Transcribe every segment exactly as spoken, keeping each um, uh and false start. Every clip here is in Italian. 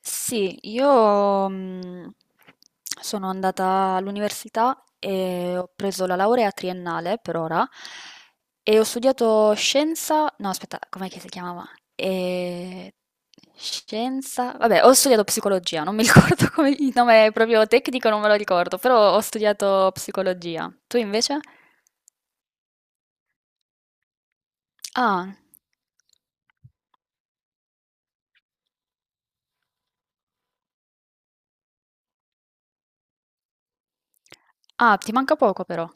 Sì, io mh, sono andata all'università e ho preso la laurea triennale per ora e ho studiato scienza, no aspetta, com'è che si chiamava? Eh, Scienza, vabbè, ho studiato psicologia, non mi ricordo come il nome proprio tecnico, non me lo ricordo, però ho studiato psicologia. Tu invece? Ah, ah, ti manca poco però.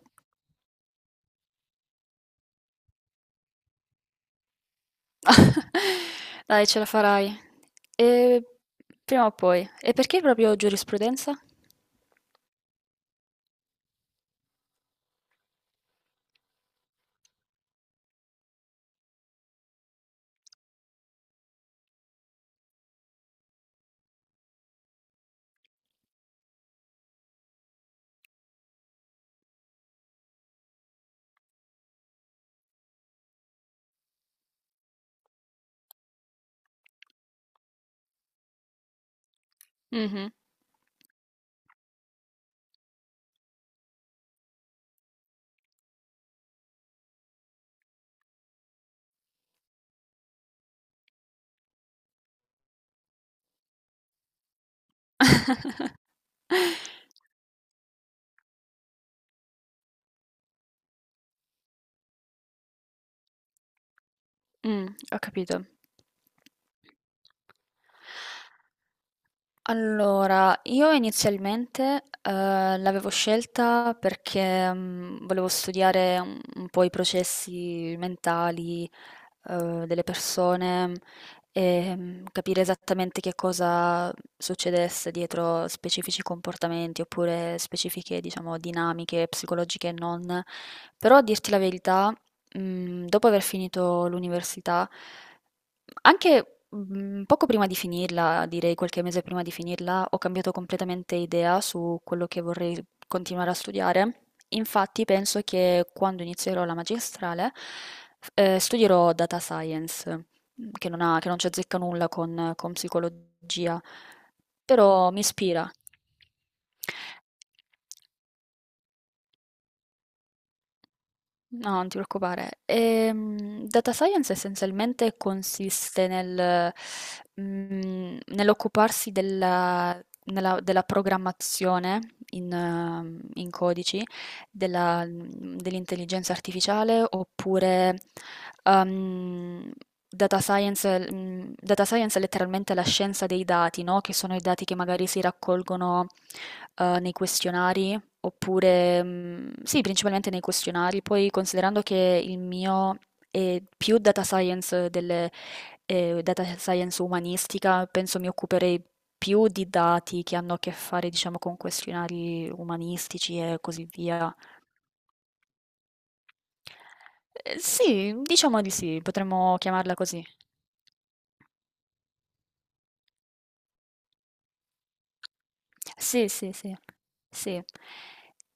Dai, ce la farai. E prima o poi. E perché proprio giurisprudenza? Mh-mh. Mh, ho capito. Allora, io inizialmente, ehm, l'avevo scelta perché, mhmm, volevo studiare un un po' i processi mentali, ehm, delle persone, ehm, capire esattamente che cosa succedesse dietro specifici comportamenti oppure specifiche, diciamo, dinamiche psicologiche e non. Però a dirti la verità, mhmm, dopo aver finito l'università anche, mhmm, poco prima di finirla, direi qualche mese prima di finirla, ho cambiato completamente idea su quello che vorrei continuare a studiare. Infatti penso che quando inizierò la magistrale, f ehm, studierò data science, mhmm, che non ha che non c'azzecca nulla con con psicologia, però mi ispira. No, non ti preoccupare. Ehm, data science essenzialmente consiste nel, mm, nell'occuparsi della, nella- della programmazione in, ehm, in codici della- dell'intelligenza artificiale oppure ehm, data science, mm, data science è letteralmente la scienza dei dati, no? Che sono i dati che magari si raccolgono eh, nei questionari. Oppure, mm, sì, principalmente nei questionari. Poi, considerando che il mio è più data science delle, eh, data science umanistica, penso mi occuperei più di dati che hanno a che fare, diciamo, con questionari umanistici e così via. Eh, sì, diciamo di sì, potremmo chiamarla così. Sì, sì, sì, sì.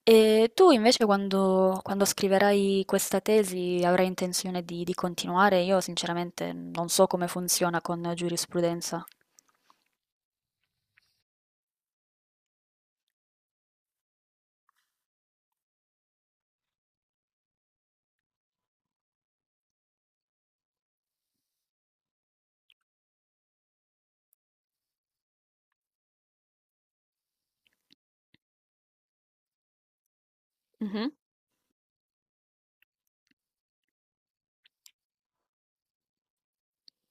E tu invece quando, quando scriverai questa tesi avrai intenzione di, di continuare? Io sinceramente non so come funziona con giurisprudenza. Mhm,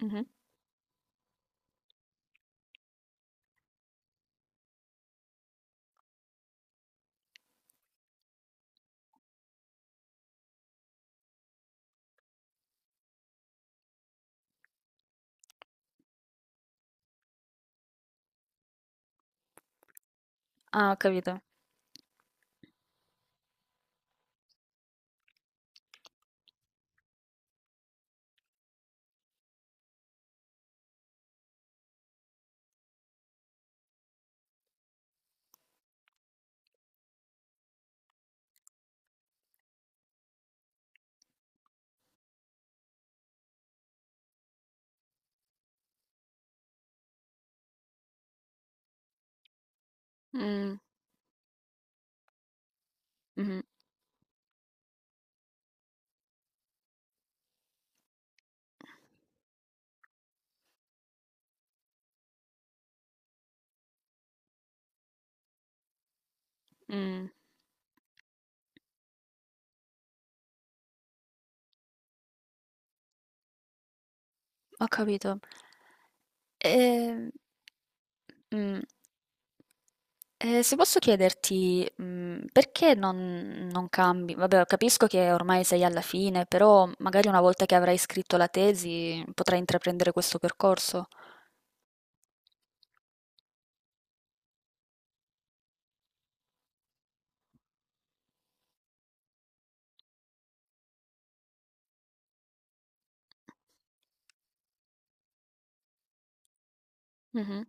mhm. Ah, ho capito. Mm, mhm, mm. Ho capito. Ehm, mh, eh, se posso chiederti, mh, perché non, non cambi? Vabbè, capisco che ormai sei alla fine, però magari una volta che avrai scritto la tesi potrai intraprendere questo percorso. Mhm.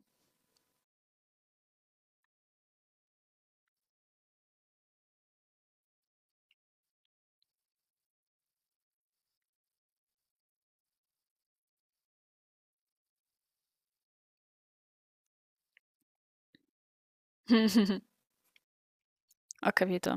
Ho capito.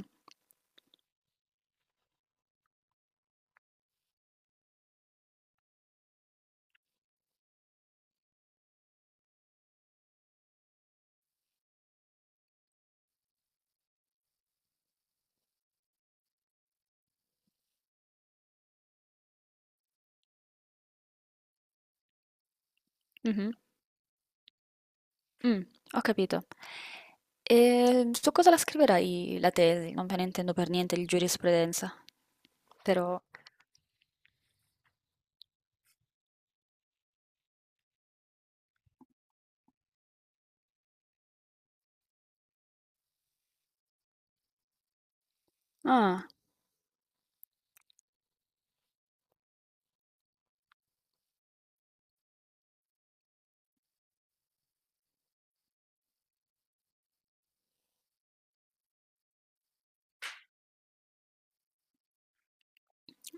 Mhm. Mm, ho capito. E su cosa la scriverai la tesi? Non me ne intendo per niente di giurisprudenza, però... Ah,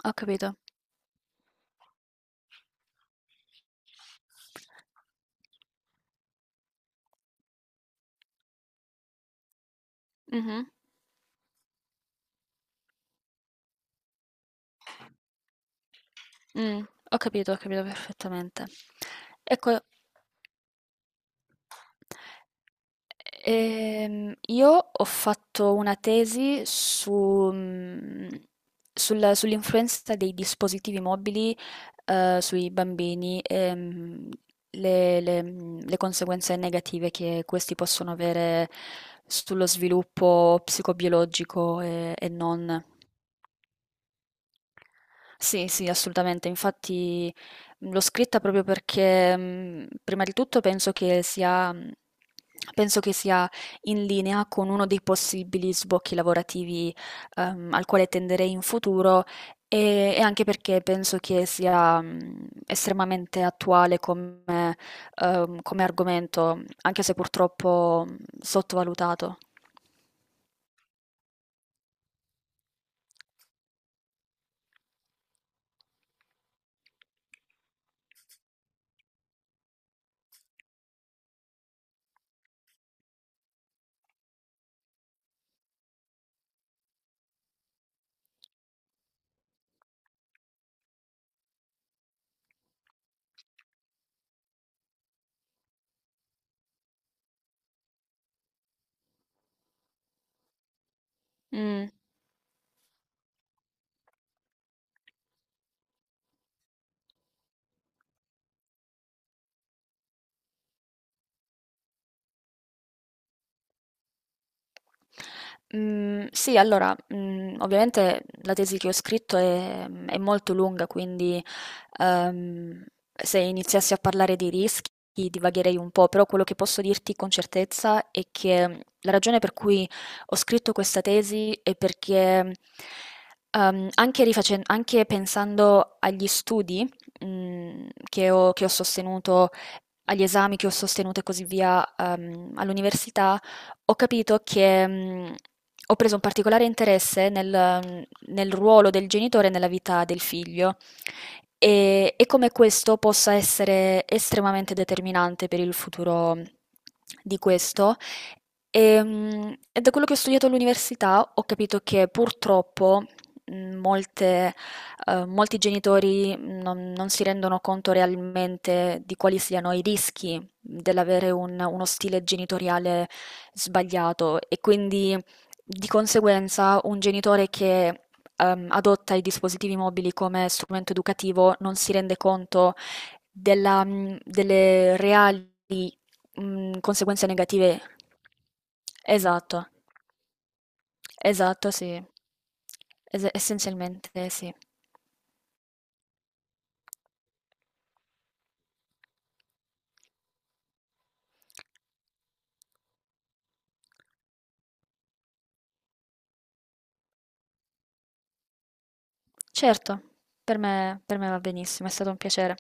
ho capito. Mh-mh. Mh, ho capito, ho capito perfettamente. Ecco, ehm, io ho fatto una tesi su mhmm, sul sull'influenza dei dispositivi mobili, ehm, sui bambini e, mhmm, le le mhmm, le conseguenze negative che questi possono avere sullo sviluppo psicobiologico e e non. Sì, sì, assolutamente. Infatti mh, l'ho scritta proprio perché mh, prima di tutto penso che sia, mh, penso che sia in linea con uno dei possibili sbocchi lavorativi ehm, al quale tenderei in futuro e, e anche perché penso che sia mh, estremamente attuale come, ehm, come argomento, anche se purtroppo mh, sottovalutato. Mm. Mm, sì, allora, mm, ovviamente la tesi che ho scritto è, è molto lunga, quindi ehm, se iniziassi a parlare di rischi divagherei un po', però quello che posso dirti con certezza è che la ragione per cui ho scritto questa tesi è perché ehm, anche, rifacen- anche pensando agli studi mm, che ho, che ho sostenuto agli esami che ho sostenuto e così via, ehm, all'università, ho capito che mh, ho preso un particolare interesse nel, nel ruolo del genitore nella vita del figlio e, e come questo possa essere estremamente determinante per il futuro di questo. E, mh, e da quello che ho studiato all'università ho capito che purtroppo mh, molte eh, molti genitori non, non si rendono conto realmente di quali siano i rischi dell'avere un- uno stile genitoriale sbagliato e quindi di conseguenza un genitore che ehm, adotta i dispositivi mobili come strumento educativo non si rende conto della, mh, delle reali mh, conseguenze negative. Esatto, esatto, sì. Es- essenzialmente sì. Certo, per me per me va benissimo, è stato un piacere.